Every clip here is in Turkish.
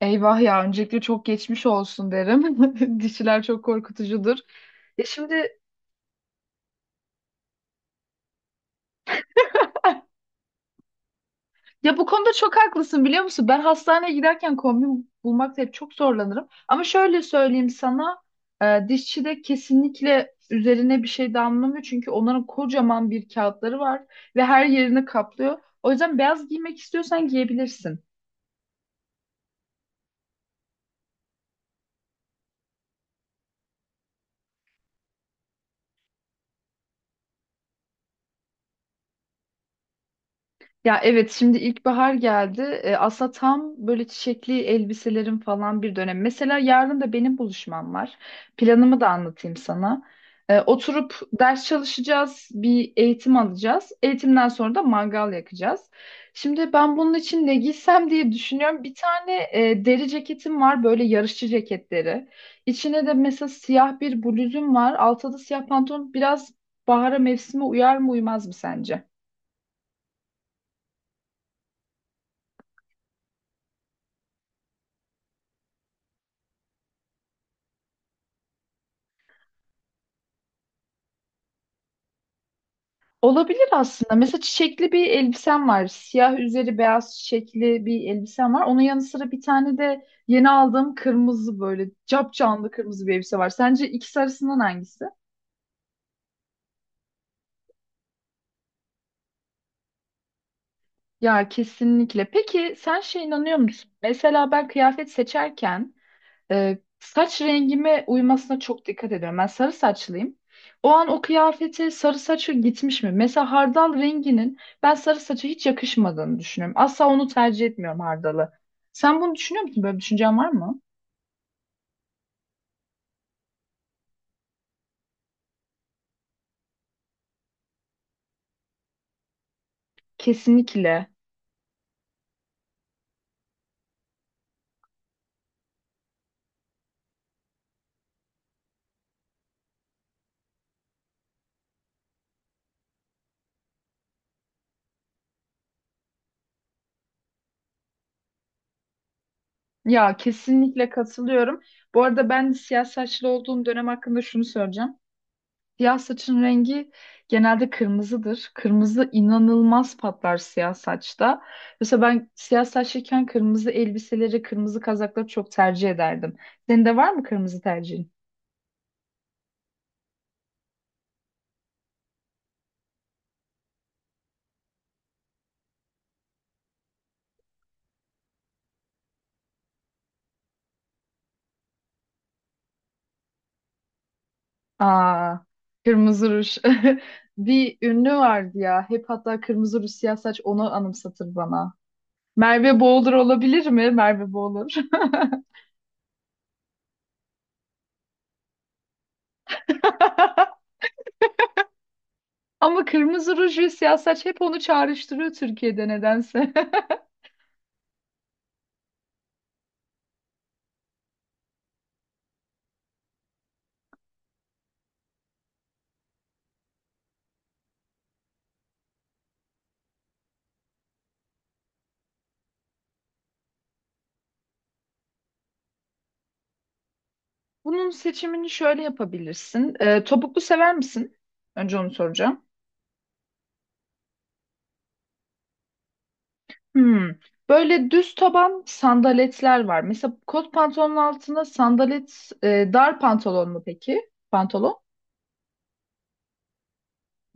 Eyvah ya öncelikle çok geçmiş olsun derim. Dişiler çok korkutucudur. Ya şimdi ya bu konuda çok haklısın biliyor musun? Ben hastaneye giderken kombin bulmakta hep çok zorlanırım. Ama şöyle söyleyeyim sana dişçi de kesinlikle üzerine bir şey damlamıyor. Çünkü onların kocaman bir kağıtları var ve her yerini kaplıyor. O yüzden beyaz giymek istiyorsan giyebilirsin. Ya evet şimdi ilkbahar geldi. Aslında tam böyle çiçekli elbiselerin falan bir dönem. Mesela yarın da benim buluşmam var. Planımı da anlatayım sana. Oturup ders çalışacağız, bir eğitim alacağız. Eğitimden sonra da mangal yakacağız. Şimdi ben bunun için ne giysem diye düşünüyorum. Bir tane deri ceketim var böyle yarışçı ceketleri. İçine de mesela siyah bir bluzum var. Altta da siyah pantolon. Biraz bahara mevsime uyar mı uymaz mı sence? Olabilir aslında. Mesela çiçekli bir elbisem var. Siyah üzeri beyaz çiçekli bir elbisem var. Onun yanı sıra bir tane de yeni aldığım kırmızı böyle capcanlı kırmızı bir elbise var. Sence ikisi arasından hangisi? Ya kesinlikle. Peki sen şey inanıyor musun? Mesela ben kıyafet seçerken saç rengime uymasına çok dikkat ediyorum. Ben sarı saçlıyım. O an o kıyafete sarı saçı gitmiş mi? Mesela hardal renginin ben sarı saça hiç yakışmadığını düşünüyorum. Asla onu tercih etmiyorum hardalı. Sen bunu düşünüyor musun? Böyle bir düşüncen var mı? Kesinlikle. Ya kesinlikle katılıyorum. Bu arada ben siyah saçlı olduğum dönem hakkında şunu söyleyeceğim. Siyah saçın rengi genelde kırmızıdır. Kırmızı inanılmaz patlar siyah saçta. Mesela ben siyah saçlıyken kırmızı elbiseleri, kırmızı kazakları çok tercih ederdim. Senin de var mı kırmızı tercihin? Aa, kırmızı ruj. Bir ünlü vardı ya. Hep hatta kırmızı ruj siyah saç onu anımsatır bana. Merve Boğulur olabilir mi? Merve Boğulur. Ama kırmızı ruj ve siyah saç hep onu çağrıştırıyor Türkiye'de nedense. Bunun seçimini şöyle yapabilirsin. Topuklu sever misin? Önce onu soracağım. Hmm. Böyle düz taban sandaletler var. Mesela kot pantolonun altına sandalet, dar pantolon mu peki? Pantolon.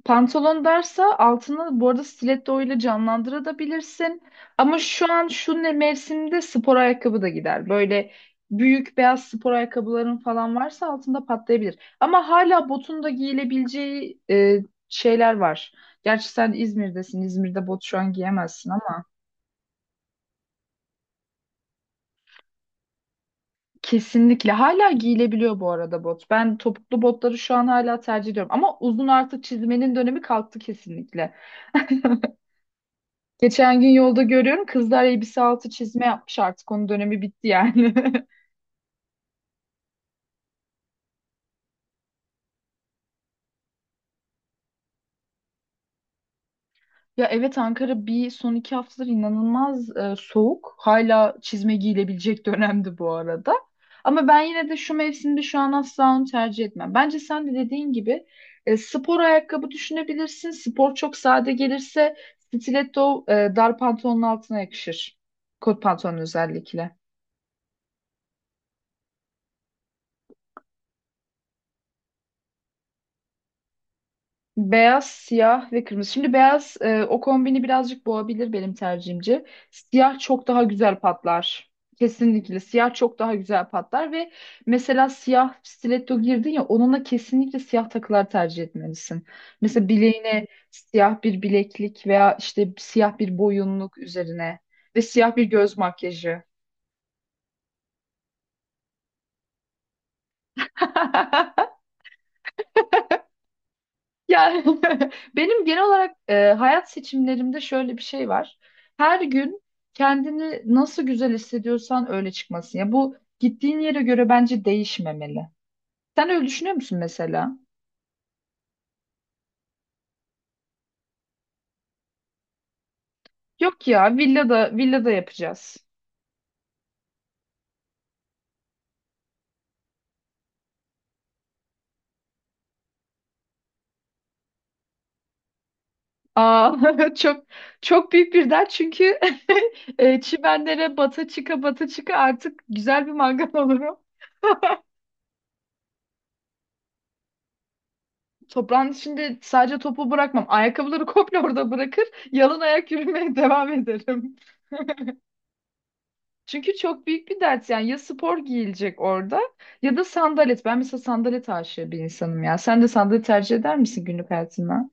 Pantolon derse altını bu arada stiletto ile canlandırabilirsin. Ama şu an şu ne mevsimde spor ayakkabı da gider. Böyle büyük beyaz spor ayakkabıların falan varsa altında patlayabilir. Ama hala botun da giyilebileceği şeyler var. Gerçi sen İzmir'desin. İzmir'de bot şu an giyemezsin ama kesinlikle hala giyilebiliyor bu arada bot. Ben topuklu botları şu an hala tercih ediyorum. Ama uzun artık çizmenin dönemi kalktı kesinlikle. Geçen gün yolda görüyorum kızlar elbise altı çizme yapmış artık onun dönemi bitti yani. Ya evet Ankara bir son iki haftadır inanılmaz soğuk. Hala çizme giyilebilecek dönemdi bu arada. Ama ben yine de şu mevsimde şu an asla onu tercih etmem. Bence sen de dediğin gibi spor ayakkabı düşünebilirsin. Spor çok sade gelirse stiletto dar pantolonun altına yakışır. Kot pantolon özellikle. Beyaz, siyah ve kırmızı. Şimdi beyaz o kombini birazcık boğabilir benim tercihimce. Siyah çok daha güzel patlar. Kesinlikle siyah çok daha güzel patlar ve mesela siyah stiletto girdin ya onunla kesinlikle siyah takılar tercih etmelisin. Mesela bileğine siyah bir bileklik veya işte siyah bir boyunluk üzerine ve siyah bir göz makyajı. Yani benim genel olarak hayat seçimlerimde şöyle bir şey var. Her gün kendini nasıl güzel hissediyorsan öyle çıkmasın. Ya bu gittiğin yere göre bence değişmemeli. Sen öyle düşünüyor musun mesela? Yok ya villada yapacağız. Aa, çok çok büyük bir dert çünkü çimenlere bata çıka artık güzel bir mangal olurum. Toprağın içinde sadece topu bırakmam. Ayakkabıları komple orada bırakır. Yalın ayak yürümeye devam ederim. Çünkü çok büyük bir dert yani ya spor giyilecek orada ya da sandalet. Ben mesela sandalet aşığı bir insanım ya. Sen de sandalet tercih eder misin günlük hayatında?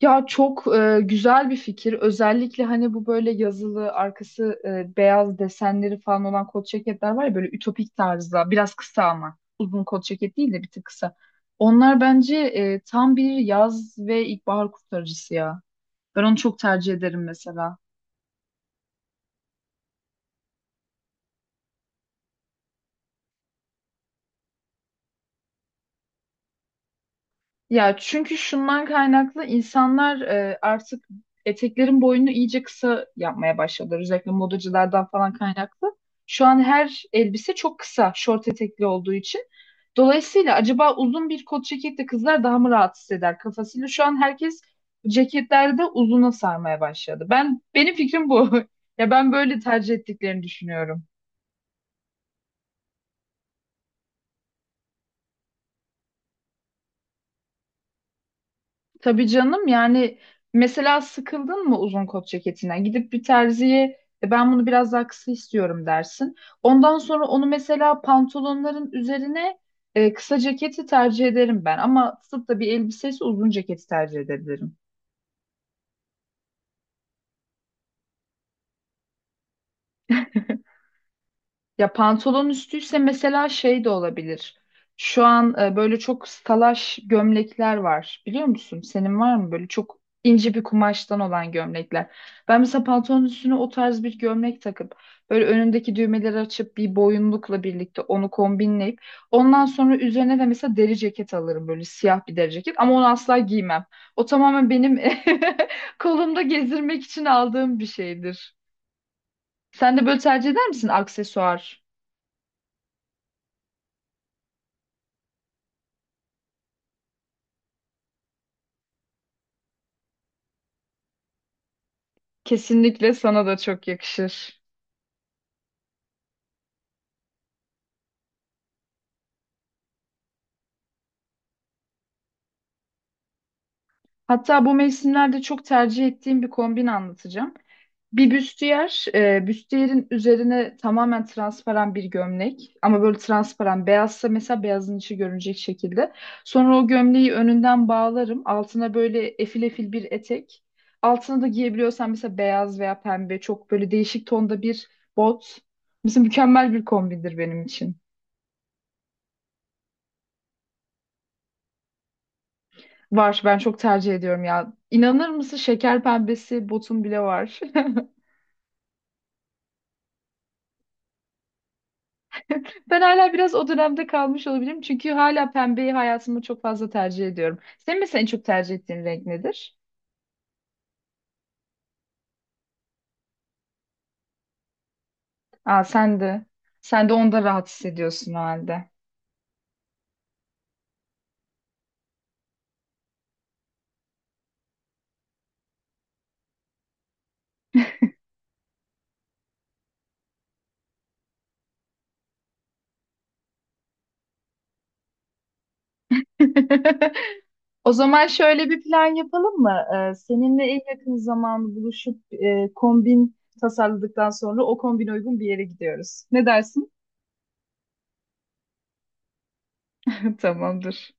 Ya çok güzel bir fikir. Özellikle hani bu böyle yazılı arkası beyaz desenleri falan olan kot ceketler var ya böyle ütopik tarzda biraz kısa ama uzun kot ceket değil de bir tık kısa. Onlar bence tam bir yaz ve ilkbahar kurtarıcısı ya. Ben onu çok tercih ederim mesela. Ya çünkü şundan kaynaklı insanlar artık eteklerin boyunu iyice kısa yapmaya başladılar. Özellikle modacılardan falan kaynaklı. Şu an her elbise çok kısa, şort etekli olduğu için. Dolayısıyla acaba uzun bir kot ceketle kızlar daha mı rahat hisseder kafasıyla? Şu an herkes ceketlerde uzuna sarmaya başladı. Benim fikrim bu. Ya ben böyle tercih ettiklerini düşünüyorum. Tabii canım yani mesela sıkıldın mı uzun kot ceketinden? Gidip bir terziye Ben bunu biraz daha kısa istiyorum dersin. Ondan sonra onu mesela pantolonların üzerine kısa ceketi tercih ederim ben. Ama tutup da bir elbisesi uzun ceketi tercih edebilirim. Ya pantolon üstüyse mesela şey de olabilir. Şu an böyle çok salaş gömlekler var. Biliyor musun? Senin var mı böyle çok ince bir kumaştan olan gömlekler? Ben mesela pantolon üstüne o tarz bir gömlek takıp böyle önündeki düğmeleri açıp bir boyunlukla birlikte onu kombinleyip ondan sonra üzerine de mesela deri ceket alırım böyle siyah bir deri ceket ama onu asla giymem. O tamamen benim kolumda gezdirmek için aldığım bir şeydir. Sen de böyle tercih eder misin aksesuar? Kesinlikle sana da çok yakışır. Hatta bu mevsimlerde çok tercih ettiğim bir kombin anlatacağım. Bir büstiyer, büstiyerin üzerine tamamen transparan bir gömlek ama böyle transparan beyazsa mesela beyazın içi görünecek şekilde. Sonra o gömleği önünden bağlarım. Altına böyle efil efil bir etek. Altına da giyebiliyorsan mesela beyaz veya pembe çok böyle değişik tonda bir bot. Mesela mükemmel bir kombindir benim için. Var ben çok tercih ediyorum ya. İnanır mısın şeker pembesi botum bile var. Ben hala biraz o dönemde kalmış olabilirim. Çünkü hala pembeyi hayatımda çok fazla tercih ediyorum. Senin mesela en çok tercih ettiğin renk nedir? Aa sen de. Sen de onda rahat hissediyorsun o halde. O zaman şöyle bir plan yapalım mı? Seninle en yakın zaman buluşup kombin tasarladıktan sonra o kombine uygun bir yere gidiyoruz. Ne dersin? Tamamdır.